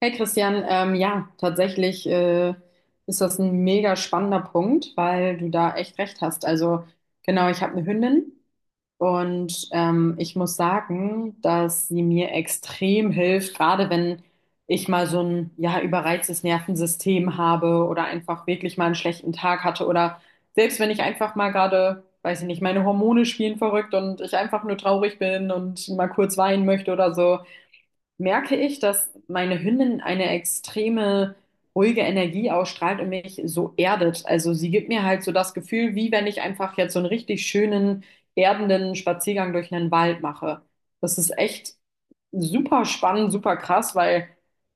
Hey Christian, ja, tatsächlich ist das ein mega spannender Punkt, weil du da echt recht hast. Also genau, ich habe eine Hündin und ich muss sagen, dass sie mir extrem hilft, gerade wenn ich mal so ein ja überreiztes Nervensystem habe oder einfach wirklich mal einen schlechten Tag hatte oder selbst wenn ich einfach mal gerade, weiß ich nicht, meine Hormone spielen verrückt und ich einfach nur traurig bin und mal kurz weinen möchte oder so merke ich, dass meine Hündin eine extreme ruhige Energie ausstrahlt und mich so erdet. Also sie gibt mir halt so das Gefühl, wie wenn ich einfach jetzt so einen richtig schönen, erdenden Spaziergang durch einen Wald mache. Das ist echt super spannend, super krass, weil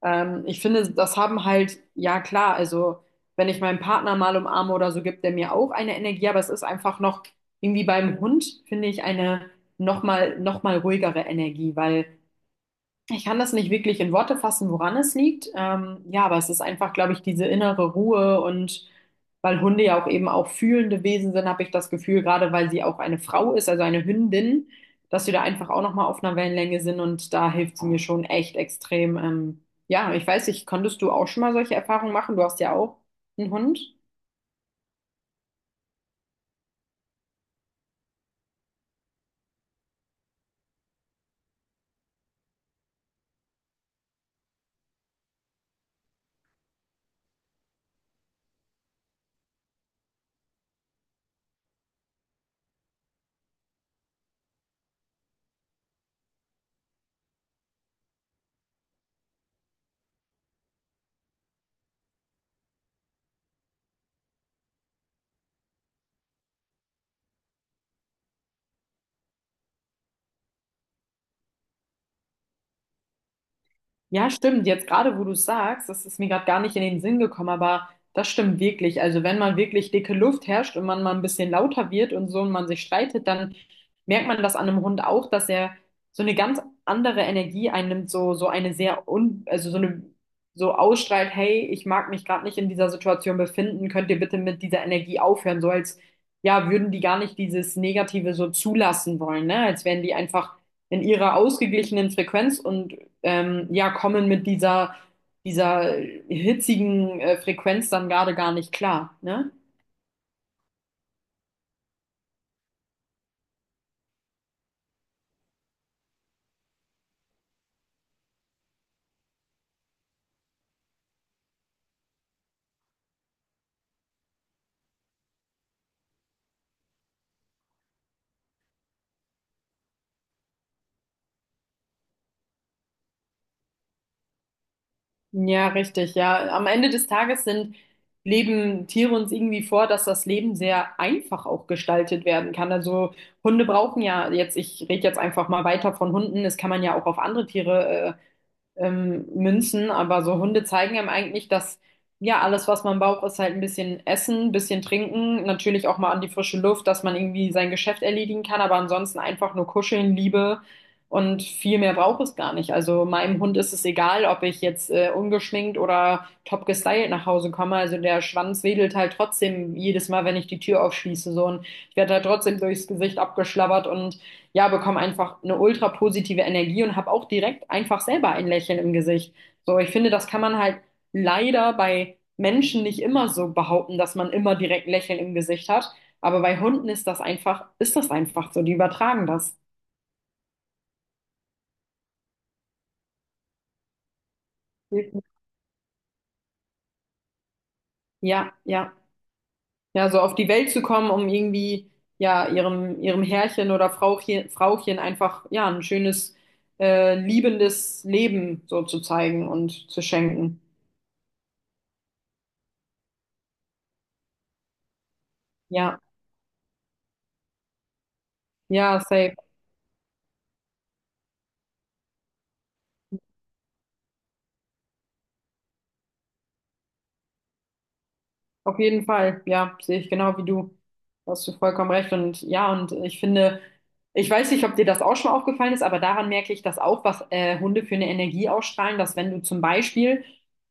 ich finde, das haben halt, ja klar, also wenn ich meinen Partner mal umarme oder so, gibt der mir auch eine Energie, aber es ist einfach noch irgendwie beim Hund, finde ich, eine nochmal ruhigere Energie, weil ich kann das nicht wirklich in Worte fassen, woran es liegt. Ja, aber es ist einfach, glaube ich, diese innere Ruhe und weil Hunde ja auch eben auch fühlende Wesen sind, habe ich das Gefühl, gerade weil sie auch eine Frau ist, also eine Hündin, dass wir da einfach auch nochmal auf einer Wellenlänge sind und da hilft sie mir schon echt extrem. Ja, ich weiß nicht, konntest du auch schon mal solche Erfahrungen machen? Du hast ja auch einen Hund. Ja, stimmt. Jetzt gerade, wo du es sagst, das ist mir gerade gar nicht in den Sinn gekommen, aber das stimmt wirklich. Also wenn man wirklich dicke Luft herrscht und man mal ein bisschen lauter wird und so und man sich streitet, dann merkt man das an einem Hund auch, dass er so eine ganz andere Energie einnimmt, so, so eine sehr also so eine, so ausstrahlt, hey, ich mag mich gerade nicht in dieser Situation befinden, könnt ihr bitte mit dieser Energie aufhören, so als, ja, würden die gar nicht dieses Negative so zulassen wollen, ne? Als wären die einfach in ihrer ausgeglichenen Frequenz und ja, kommen mit dieser hitzigen Frequenz dann gerade gar nicht klar, ne? Ja, richtig, ja. Am Ende des Tages sind, leben Tiere uns irgendwie vor, dass das Leben sehr einfach auch gestaltet werden kann. Also Hunde brauchen ja jetzt, ich rede jetzt einfach mal weiter von Hunden, das kann man ja auch auf andere Tiere Münzen, aber so Hunde zeigen einem eigentlich, dass ja alles, was man braucht, ist halt ein bisschen Essen, ein bisschen Trinken, natürlich auch mal an die frische Luft, dass man irgendwie sein Geschäft erledigen kann, aber ansonsten einfach nur kuscheln, Liebe und viel mehr braucht es gar nicht. Also meinem Hund ist es egal, ob ich jetzt ungeschminkt oder top gestylt nach Hause komme. Also der Schwanz wedelt halt trotzdem jedes Mal, wenn ich die Tür aufschließe, so und ich werde halt trotzdem durchs Gesicht abgeschlabbert und ja, bekomme einfach eine ultra positive Energie und habe auch direkt einfach selber ein Lächeln im Gesicht. So, ich finde, das kann man halt leider bei Menschen nicht immer so behaupten, dass man immer direkt ein Lächeln im Gesicht hat. Aber bei Hunden ist das einfach so. Die übertragen das. Ja, ja. Ja, so auf die Welt zu kommen, um irgendwie, ja, ihrem Herrchen oder Frauchen, Frauchen einfach, ja, ein schönes, liebendes Leben so zu zeigen und zu schenken. Ja, ja, safe. Auf jeden Fall, ja, sehe ich genau wie du. Da hast du vollkommen recht. Und ja, und ich finde, ich weiß nicht, ob dir das auch schon aufgefallen ist, aber daran merke ich das auch, was Hunde für eine Energie ausstrahlen, dass wenn du zum Beispiel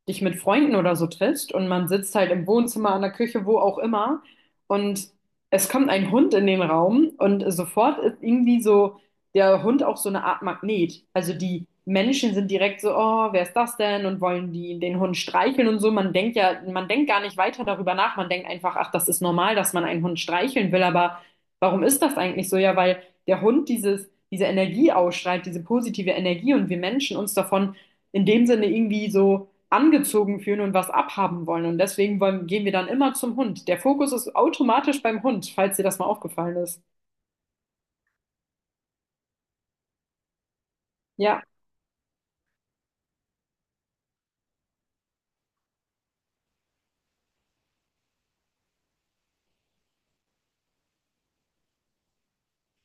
dich mit Freunden oder so triffst und man sitzt halt im Wohnzimmer, an der Küche, wo auch immer, und es kommt ein Hund in den Raum und sofort ist irgendwie so der Hund auch so eine Art Magnet. Also die Menschen sind direkt so, oh, wer ist das denn? Und wollen die den Hund streicheln und so. Man denkt ja, man denkt gar nicht weiter darüber nach. Man denkt einfach, ach, das ist normal, dass man einen Hund streicheln will. Aber warum ist das eigentlich so? Ja, weil der Hund dieses, diese Energie ausstrahlt, diese positive Energie und wir Menschen uns davon in dem Sinne irgendwie so angezogen fühlen und was abhaben wollen. Und deswegen gehen wir dann immer zum Hund. Der Fokus ist automatisch beim Hund, falls dir das mal aufgefallen ist. Ja.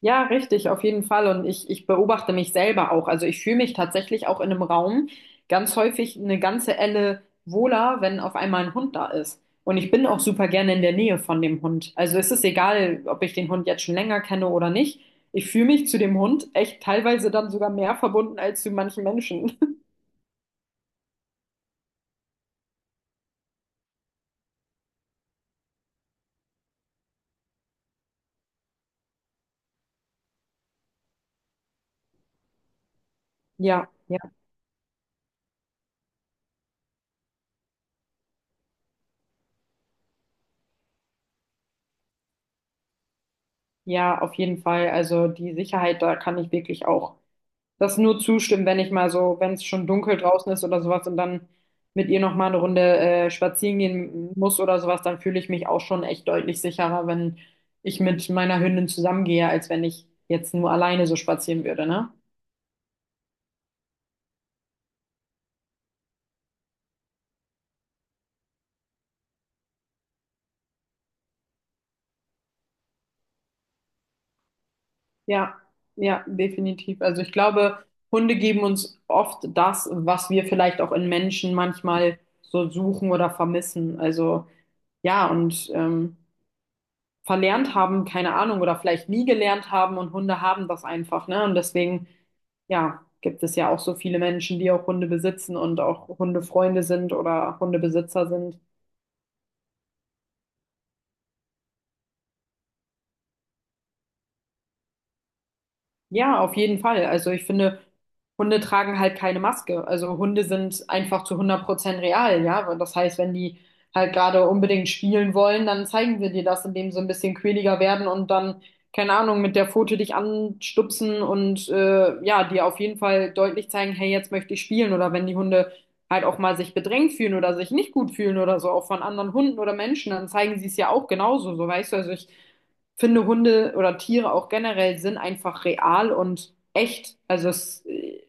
Ja, richtig, auf jeden Fall. Und ich beobachte mich selber auch. Also ich fühle mich tatsächlich auch in einem Raum ganz häufig eine ganze Elle wohler, wenn auf einmal ein Hund da ist. Und ich bin auch super gerne in der Nähe von dem Hund. Also es ist egal, ob ich den Hund jetzt schon länger kenne oder nicht. Ich fühle mich zu dem Hund echt teilweise dann sogar mehr verbunden als zu manchen Menschen. Ja, ja, ja, auf jeden Fall. Also die Sicherheit, da kann ich wirklich auch das nur zustimmen, wenn ich mal so, wenn es schon dunkel draußen ist oder sowas und dann mit ihr noch mal eine Runde spazieren gehen muss oder sowas, dann fühle ich mich auch schon echt deutlich sicherer, wenn ich mit meiner Hündin zusammengehe, als wenn ich jetzt nur alleine so spazieren würde, ne? Ja, ja, definitiv. Also ich glaube, Hunde geben uns oft das, was wir vielleicht auch in Menschen manchmal so suchen oder vermissen. Also ja, und verlernt haben, keine Ahnung, oder vielleicht nie gelernt haben und Hunde haben das einfach, ne? Und deswegen, ja, gibt es ja auch so viele Menschen, die auch Hunde besitzen und auch Hundefreunde sind oder Hundebesitzer sind. Ja, auf jeden Fall. Also ich finde, Hunde tragen halt keine Maske. Also Hunde sind einfach zu 100% real, ja. Und das heißt, wenn die halt gerade unbedingt spielen wollen, dann zeigen wir dir das, indem sie ein bisschen quäliger werden und dann, keine Ahnung, mit der Pfote dich anstupsen und ja, dir auf jeden Fall deutlich zeigen, hey, jetzt möchte ich spielen. Oder wenn die Hunde halt auch mal sich bedrängt fühlen oder sich nicht gut fühlen oder so, auch von anderen Hunden oder Menschen, dann zeigen sie es ja auch genauso, so weißt du. Also ich finde, Hunde oder Tiere auch generell sind einfach real und echt. Also es,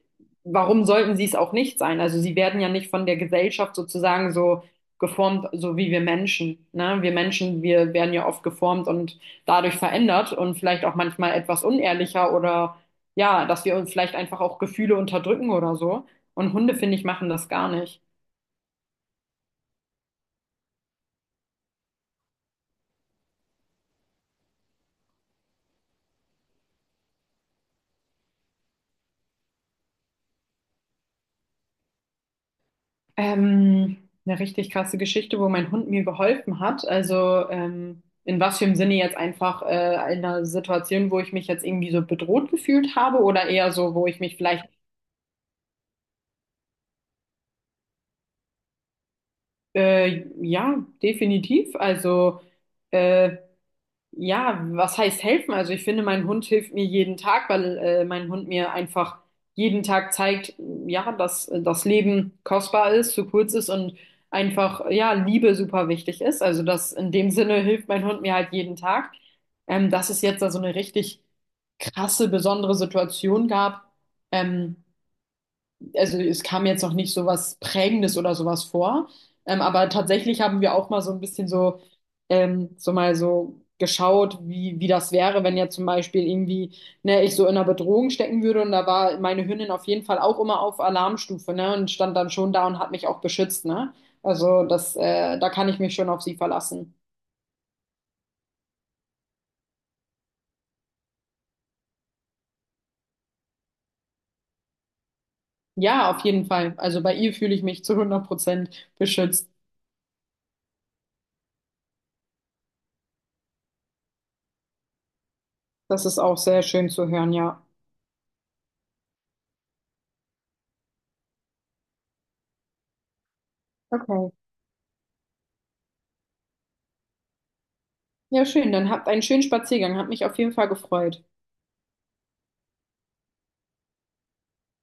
warum sollten sie es auch nicht sein? Also sie werden ja nicht von der Gesellschaft sozusagen so geformt, so wie wir Menschen. Ne? Wir Menschen, wir werden ja oft geformt und dadurch verändert und vielleicht auch manchmal etwas unehrlicher oder ja, dass wir uns vielleicht einfach auch Gefühle unterdrücken oder so. Und Hunde, finde ich, machen das gar nicht. Ähm, eine richtig krasse Geschichte, wo mein Hund mir geholfen hat. Also in was für einem Sinne jetzt einfach in einer Situation, wo ich mich jetzt irgendwie so bedroht gefühlt habe oder eher so, wo ich mich vielleicht, ja, definitiv. Also äh, ja, was heißt helfen? Also ich finde, mein Hund hilft mir jeden Tag, weil mein Hund mir einfach jeden Tag zeigt, ja, dass das Leben kostbar ist, zu kurz ist und einfach, ja, Liebe super wichtig ist. Also das in dem Sinne hilft mein Hund mir halt jeden Tag. Dass es jetzt da so eine richtig krasse, besondere Situation gab, ähm, also es kam jetzt noch nicht so was Prägendes oder sowas vor. Aber tatsächlich haben wir auch mal so ein bisschen so, so mal so geschaut, wie, wie das wäre, wenn jetzt zum Beispiel irgendwie, ne, ich so in einer Bedrohung stecken würde und da war meine Hündin auf jeden Fall auch immer auf Alarmstufe, ne, und stand dann schon da und hat mich auch beschützt, ne? Also das, da kann ich mich schon auf sie verlassen. Ja, auf jeden Fall. Also bei ihr fühle ich mich zu 100% beschützt. Das ist auch sehr schön zu hören, ja. Okay. Ja, schön. Dann habt einen schönen Spaziergang. Hat mich auf jeden Fall gefreut.